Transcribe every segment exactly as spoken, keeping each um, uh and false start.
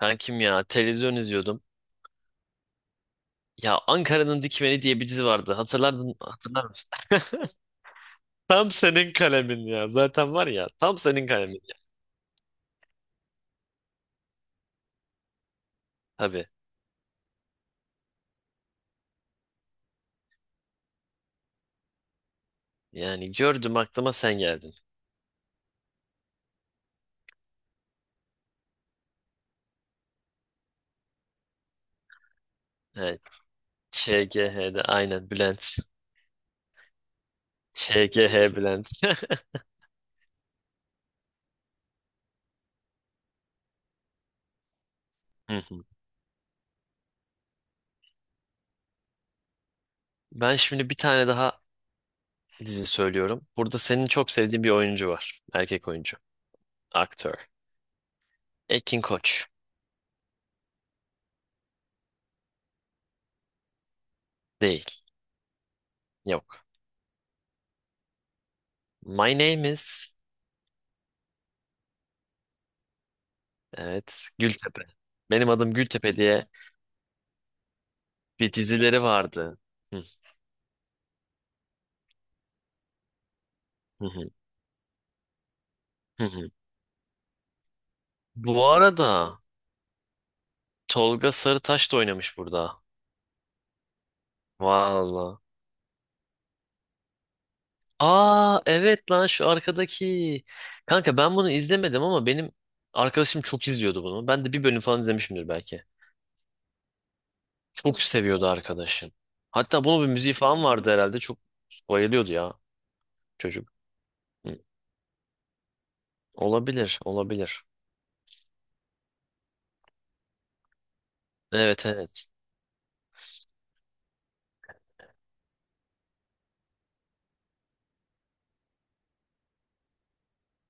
Kankim ya televizyon izliyordum. Ya Ankara'nın Dikmeni diye bir dizi vardı. Hatırlardın, hatırlar mısın? Tam senin kalemin ya. Zaten var ya tam senin kalemin ya. Tabii. Yani gördüm aklıma sen geldin. Evet. ÇGH'de aynen Bülent. ÇGH Bülent. Hı hı. Ben şimdi bir tane daha dizi söylüyorum. Burada senin çok sevdiğin bir oyuncu var. Erkek oyuncu. Aktör. Ekin Koç. Değil. Yok. My name is... Evet. Gültepe. Benim adım Gültepe diye Bir dizileri vardı. Hı, hı, hı, hı, hı. Bu arada Tolga Sarıtaş da oynamış burada. Valla. Aa evet lan şu arkadaki. Kanka ben bunu izlemedim ama benim arkadaşım çok izliyordu bunu. Ben de bir bölüm falan izlemişimdir belki. Çok seviyordu arkadaşım. Hatta bunun bir müziği falan vardı herhalde. Çok bayılıyordu ya çocuk. Hı. Olabilir, olabilir. Evet evet.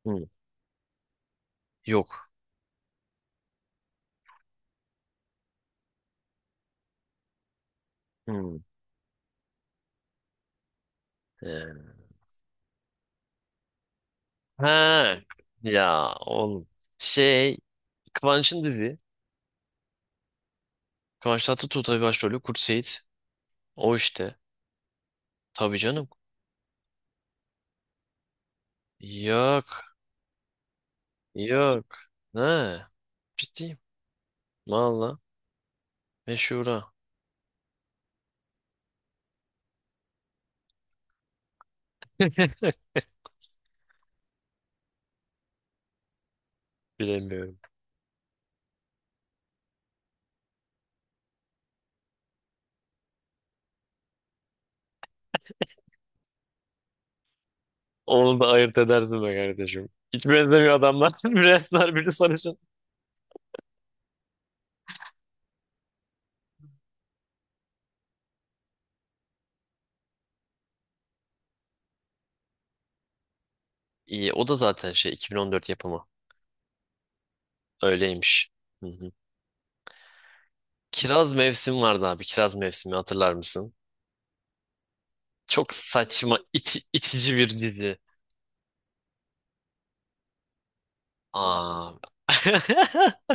Hı. Yok. Hı. Ee, Ha ya oğlum. Şey Kıvanç'ın dizi. Kıvanç Tatlıtuğ tabii başrolü. Kurt Seyit. O işte. Tabii canım. Yok. Yok. Ne? Ciddiyim. Valla. Meşhura. Bilemiyorum. Onu da ayırt edersin be kardeşim. Hiç benzemiyor adamlar. Biri esmer, biri sarışın. İyi, o da zaten şey iki bin on dört yapımı. Öyleymiş. Hı hı. Kiraz Mevsim vardı abi. Kiraz Mevsimi hatırlar mısın? Çok saçma, iti- itici bir dizi. Aa.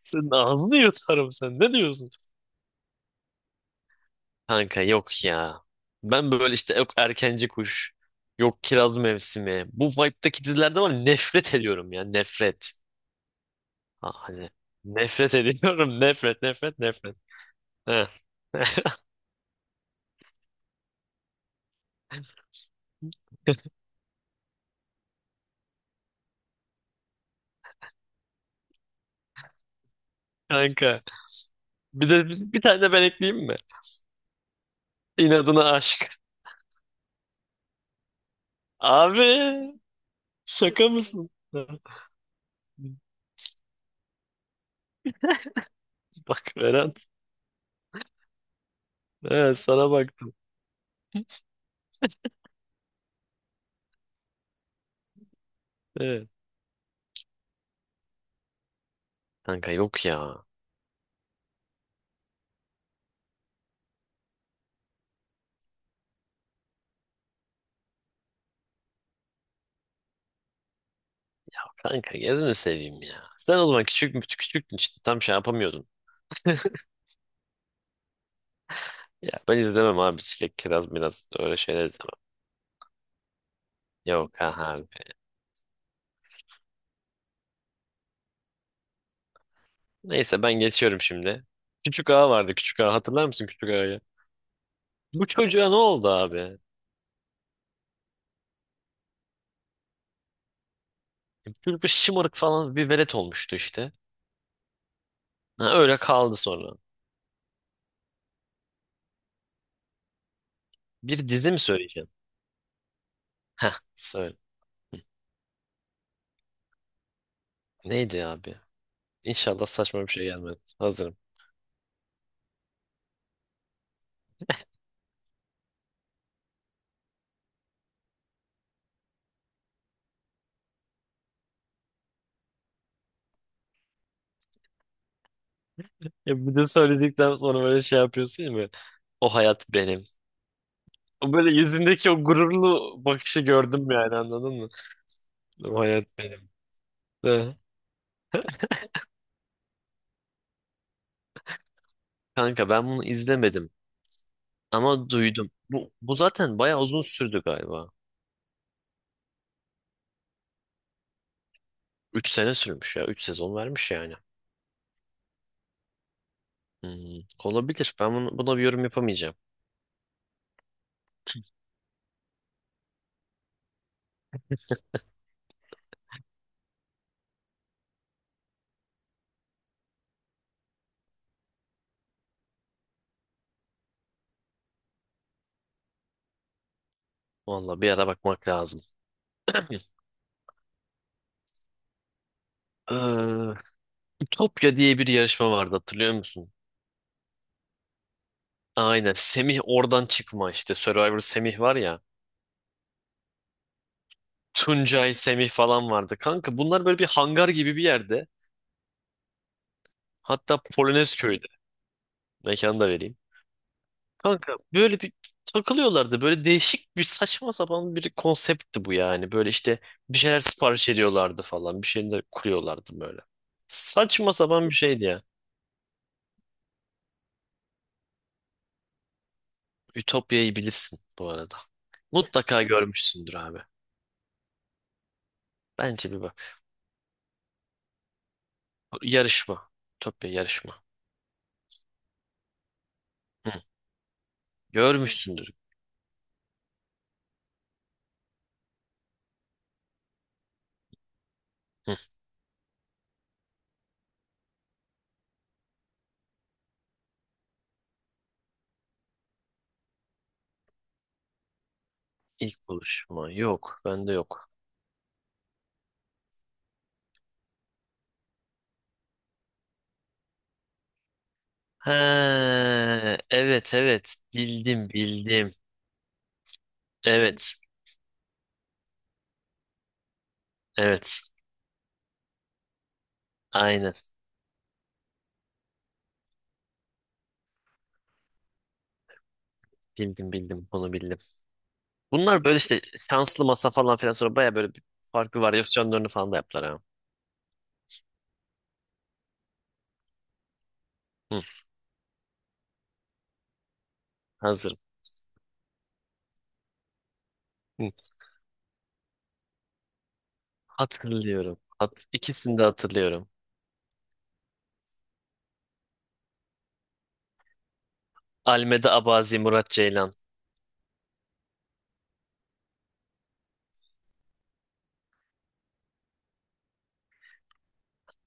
Senin ağzını yırtarım sen. Ne diyorsun? Kanka yok ya. Ben böyle işte yok erkenci kuş, yok kiraz mevsimi. Bu vibe'daki dizilerden var ya, nefret ediyorum ya nefret. Ah, hani nefret ediyorum nefret nefret nefret. Heh. Kanka bir de bir tane de ben ekleyeyim mi? İnadına aşk. Abi şaka mısın? Bak Berat. Evet, sana baktım. Evet. Kanka yok ya. Kanka gözünü seveyim ya. Sen o zaman küçük mü küçüktün işte tam şey yapamıyordun. Ya ben izlemem abi çilek kiraz biraz öyle şeyler izlemem. Yok ha abi. Neyse ben geçiyorum şimdi. Küçük ağa vardı, küçük ağa hatırlar mısın, küçük ağayı? Bu çocuğa ne oldu abi? Çocuk bir şımarık falan bir velet olmuştu işte. Ha, öyle kaldı sonra. Bir dizi mi söyleyeceğim? Söyle. Neydi abi? İnşallah saçma bir şey gelmez. Hazırım. Ya bir de söyledikten sonra böyle şey yapıyorsun ya böyle. O hayat benim. O böyle yüzündeki o gururlu bakışı gördüm yani anladın mı? Bu hayat benim. De. Kanka ben bunu izlemedim ama duydum. Bu, bu zaten bayağı uzun sürdü galiba. Üç sene sürmüş ya, üç sezon vermiş yani. Hmm, olabilir. Ben bunu, buna bir yorum yapamayacağım. Vallahi bir ara bakmak lazım. Ee, Ütopya diye bir yarışma vardı, hatırlıyor musun? Aynen. Semih oradan çıkma işte. Survivor Semih var ya. Tuncay, Semih falan vardı. Kanka bunlar böyle bir hangar gibi bir yerde. Hatta Polonez köyde. Mekanı da vereyim. Kanka böyle bir takılıyorlardı. Böyle değişik bir saçma sapan bir konseptti bu yani. Böyle işte bir şeyler sipariş ediyorlardı falan. Bir şeyler kuruyorlardı böyle. Saçma sapan bir şeydi ya. Ütopya'yı bilirsin bu arada. Mutlaka görmüşsündür abi. Bence bir bak. Yarışma. Ütopya yarışma. Hı. Görmüşsündür. Hı. İlk buluşma. Yok. Bende yok. He, evet evet. Bildim bildim. Evet. Evet. Aynen. Bildim bildim. Bunu bildim. Bunlar böyle işte şanslı masa falan filan, sonra baya böyle bir farklı varyasyonlarını falan da yaptılar ha. Hı, hazırım. Hı, hatırlıyorum. Hat ikisini de hatırlıyorum. Almeda Abazi, Murat Ceylan.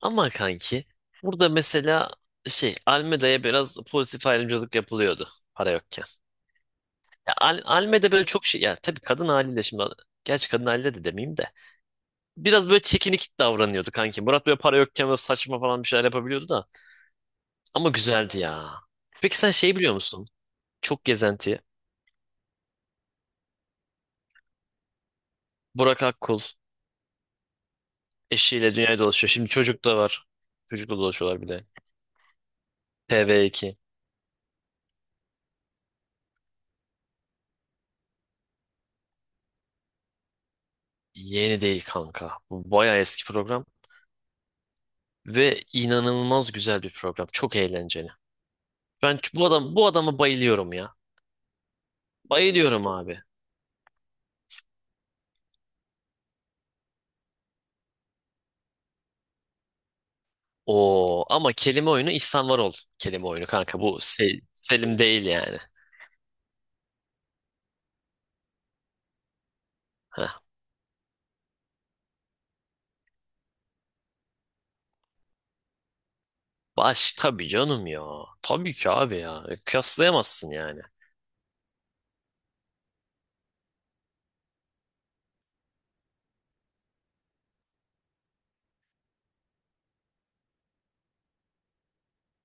Ama kanki burada mesela şey Almeda'ya biraz pozitif ayrımcılık yapılıyordu para yokken. Ya, Al Almeda böyle çok şey ya tabii kadın haliyle şimdi, gerçi kadın haliyle de demeyeyim de biraz böyle çekinik davranıyordu kanki. Murat böyle para yokken böyle saçma falan bir şeyler yapabiliyordu da. Ama güzeldi ya. Peki sen şey biliyor musun? Çok gezenti. Burak Akkul eşiyle dünyayı dolaşıyor. Şimdi çocuk da var. Çocukla dolaşıyorlar bir de. T V iki. Yeni değil kanka. Bu bayağı eski program. Ve inanılmaz güzel bir program. Çok eğlenceli. Ben ç- bu adam bu adama bayılıyorum ya. Bayılıyorum abi. Oo ama kelime oyunu İhsan Varol kelime oyunu kanka. Bu Se- Selim değil yani. Heh. Baş tabii canım ya. Tabii ki abi ya. E, Kıyaslayamazsın yani.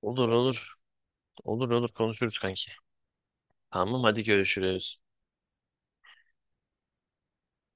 Olur olur. Olur olur konuşuruz kanki. Tamam hadi görüşürüz.